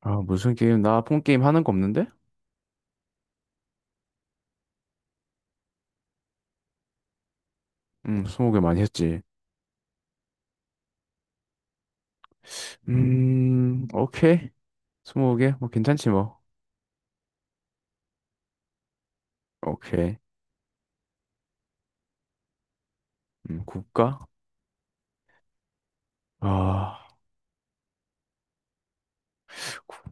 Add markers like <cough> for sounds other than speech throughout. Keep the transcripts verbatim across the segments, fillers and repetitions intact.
아, 무슨 게임? 나 폰 게임 하는 거 없는데? 음, 스무 개 많이 했지. 음, 오케이. 스무 개? 뭐 괜찮지 뭐. 오케이. 음, 국가? 아, 국-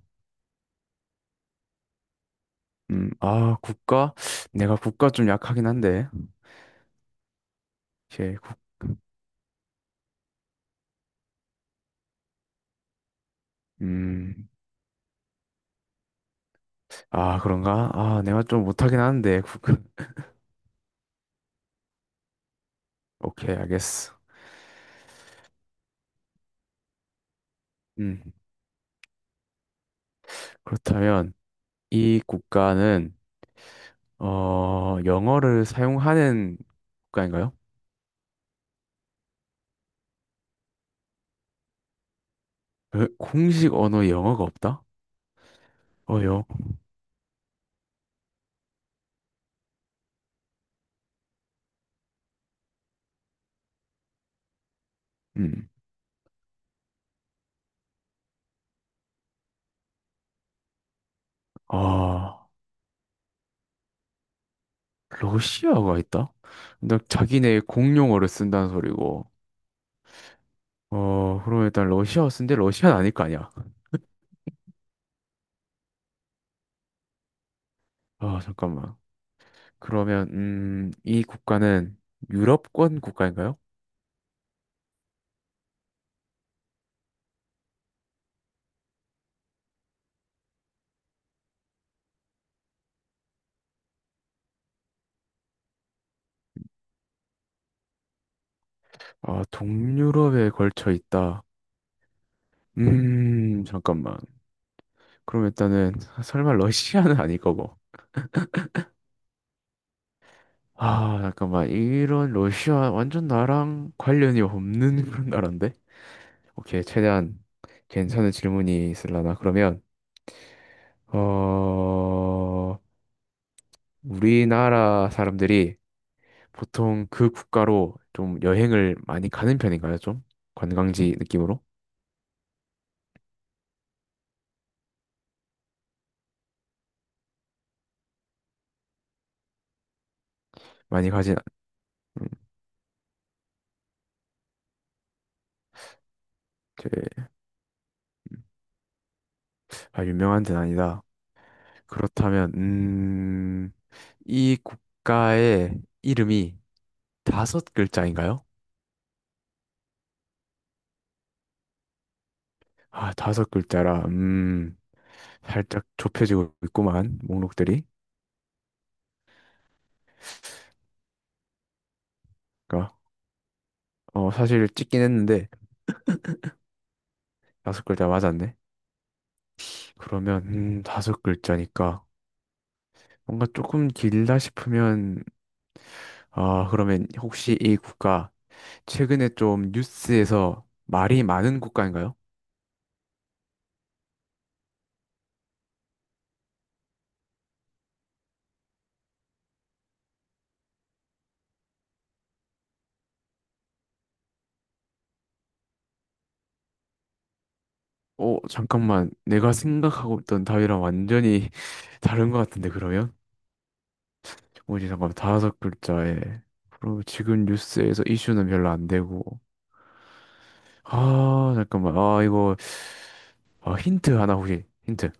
음, 아, 국가? 내가 국가 좀 약하긴 한데. 오케이, 국, 음, 아, 그런가? 아, 내가 좀 못하긴 하는데, 국가. <laughs> 오케이, 알겠어. 음, 그렇다면 이 국가는 어, 영어를 사용하는 국가인가요? 어, 공식 언어 영어가 없다? 어, 영. 음. 아, 러시아가 있다? 근데 자기네 공용어를 쓴다는 소리고. 어, 그러면 일단 러시아쓰 쓴데 러시아는 아닐 거 아니야. 아, 잠깐만. 그러면, 음, 이 국가는 유럽권 국가인가요? 아, 동유럽에 걸쳐 있다. 음, 잠깐만. 그럼 일단은, 설마 러시아는 <laughs> 아닐 거고. 아, 잠깐만. 이런 러시아 완전 나랑 관련이 없는 <laughs> 그런 나라인데? 오케이, 최대한 괜찮은 질문이 있으려나? 그러면, 어, 우리나라 사람들이 보통 그 국가로 좀 여행을 많이 가는 편인가요? 좀 관광지 느낌으로 많이 가진 음, 이제 아, 유명한 데는 아니다. 그렇다면 음, 이 국가의 이름이 다섯 글자인가요? 아, 다섯 글자라 음, 살짝 좁혀지고 있구만 목록들이. 그러니까 어, 사실 찍긴 했는데 다섯 글자 맞았네. 그러면 음, 다섯 글자니까. 뭔가 조금 길다 싶으면 아, 그러면 혹시 이 국가 최근에 좀 뉴스에서 말이 많은 국가인가요? 어, 잠깐만. 내가 생각하고 있던 답이랑 완전히 <laughs> 다른 것 같은데, 그러면? 뭐지, 잠깐만. 다섯 글자에. 그럼 지금 뉴스에서 이슈는 별로 안 되고. 아, 잠깐만. 아, 이거, 아, 힌트 하나 혹시, 힌트.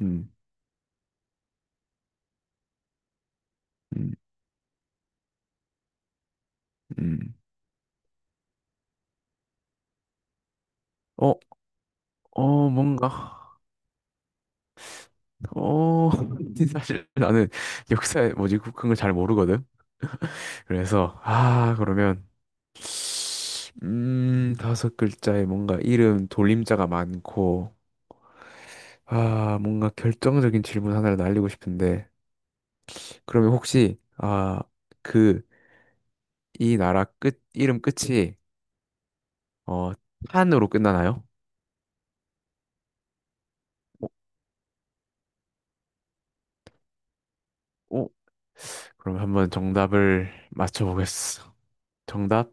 음, 음, 음. 어, 어, 뭔가. 어, <laughs> 사실 나는 역사에 뭐지 그, 그런 걸 잘 모르거든. 그래서 아 그러면 음 다섯 글자에 뭔가 이름 돌림자가 많고 아 뭔가 결정적인 질문 하나를 날리고 싶은데 그러면 혹시 아 그 이 나라 끝 이름 끝이 어 탄으로 끝나나요? 오, 오. 그럼 한번 정답을 맞춰보겠어. 정답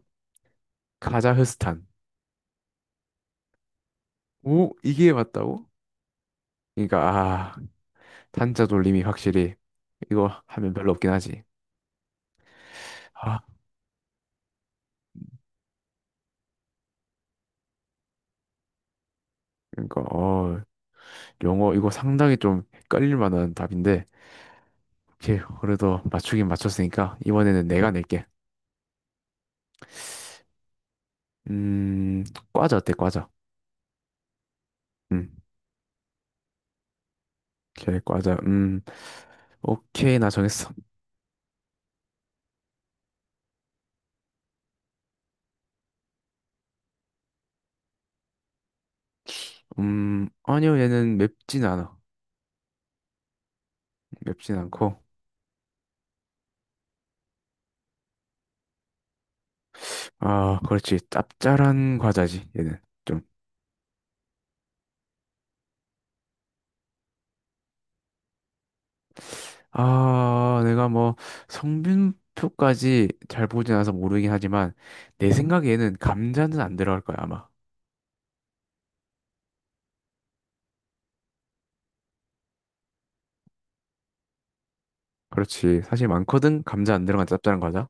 카자흐스탄. 오 이게 맞다고? 그러니까 아 탄자 돌림이 확실히 이거 하면 별로 없긴 하지. 아 그러니까 어 영어 이거 상당히 좀 헷갈릴 만한 답인데 오케이 그래도 맞추긴 맞췄으니까 이번에는 내가 낼게. 음 과자 어때 과자? 음 오케이 과자 음 오케이 나 정했어. 음 아니요 얘는 맵진 않아 맵진 않고 아 그렇지 짭짤한 과자지 얘는 아, 내가 뭐 성분표까지 잘 보진 않아서 모르긴 하지만 내 생각에는 감자는 안 들어갈 거야, 아마. 그렇지. 사실 많거든. 감자 안 들어간 짭짤한 과자.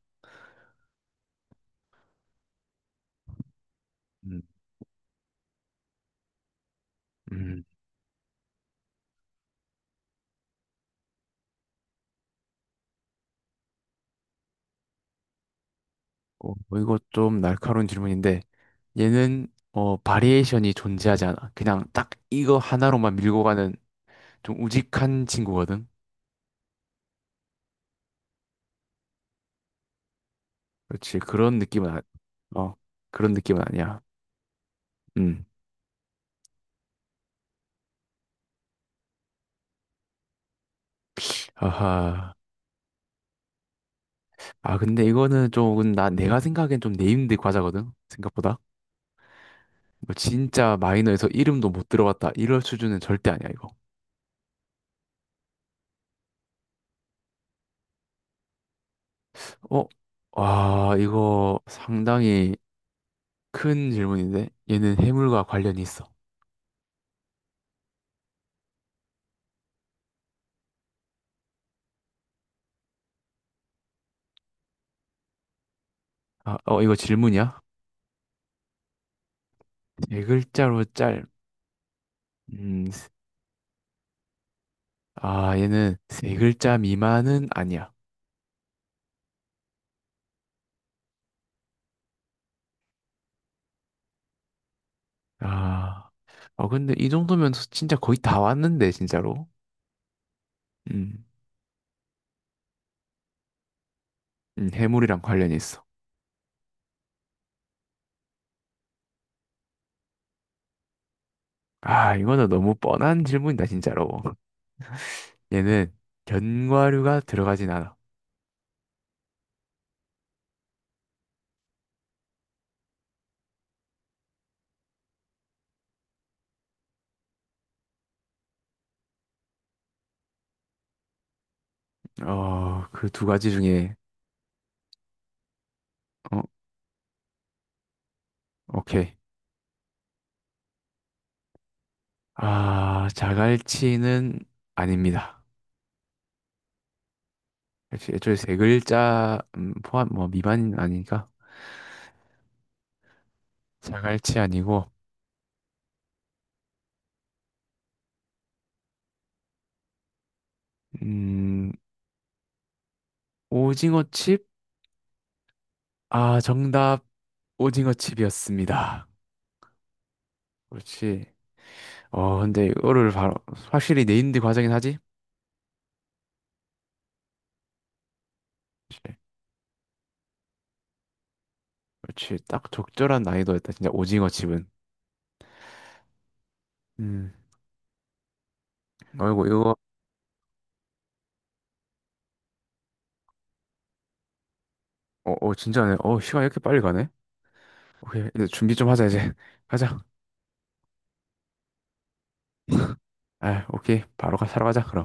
음, 음. 어, 뭐 이거 좀 날카로운 질문인데 얘는 어 바리에이션이 존재하지 않아. 그냥 딱 이거 하나로만 밀고 가는 좀 우직한 친구거든. 그렇지. 그런 느낌은 아, 어. 그런 느낌은 아니야. 음. 아하. 아, 근데 이거는 좀, 나, 내가 생각엔 좀 네임드 과자거든? 생각보다. 뭐 진짜 마이너에서 이름도 못 들어봤다. 이럴 수준은 절대 아니야, 이거. 어? 아, 이거 상당히 큰 질문인데? 얘는 해물과 관련이 있어. 아, 어, 이거 질문이야? 세 글자로 짤. 음, 세- 아, 얘는 세 글자 미만은 아니야. 아, 아, 근데 이 정도면 진짜 거의 다 왔는데, 진짜로. 음, 음, 해물이랑 관련이 있어. 아, 이거는 너무 뻔한 질문이다, 진짜로. 얘는 견과류가 들어가진 않아. 어, 그 두 가지 중에, 어, 오케이. 아, 자갈치는 아닙니다. 역시 애초에 세 글자 음, 포함, 뭐, 미만 아니니까. 자갈치 아니고, 음, 오징어칩? 아, 정답, 오징어칩이었습니다. 그렇지. 어, 근데 이거를 바로, 확실히 네임드 과정이긴 하지? 그렇지. 그렇지. 딱 적절한 난이도였다. 진짜 오징어칩은. 음. 아이고 이거 어, 어, 진짜네. 어, 시간 이렇게 빨리 가네? 오케이, 이제 준비 좀 하자, 이제. <laughs> 가자. 아, 오케이. 바로 가, 사러 가자, 그럼.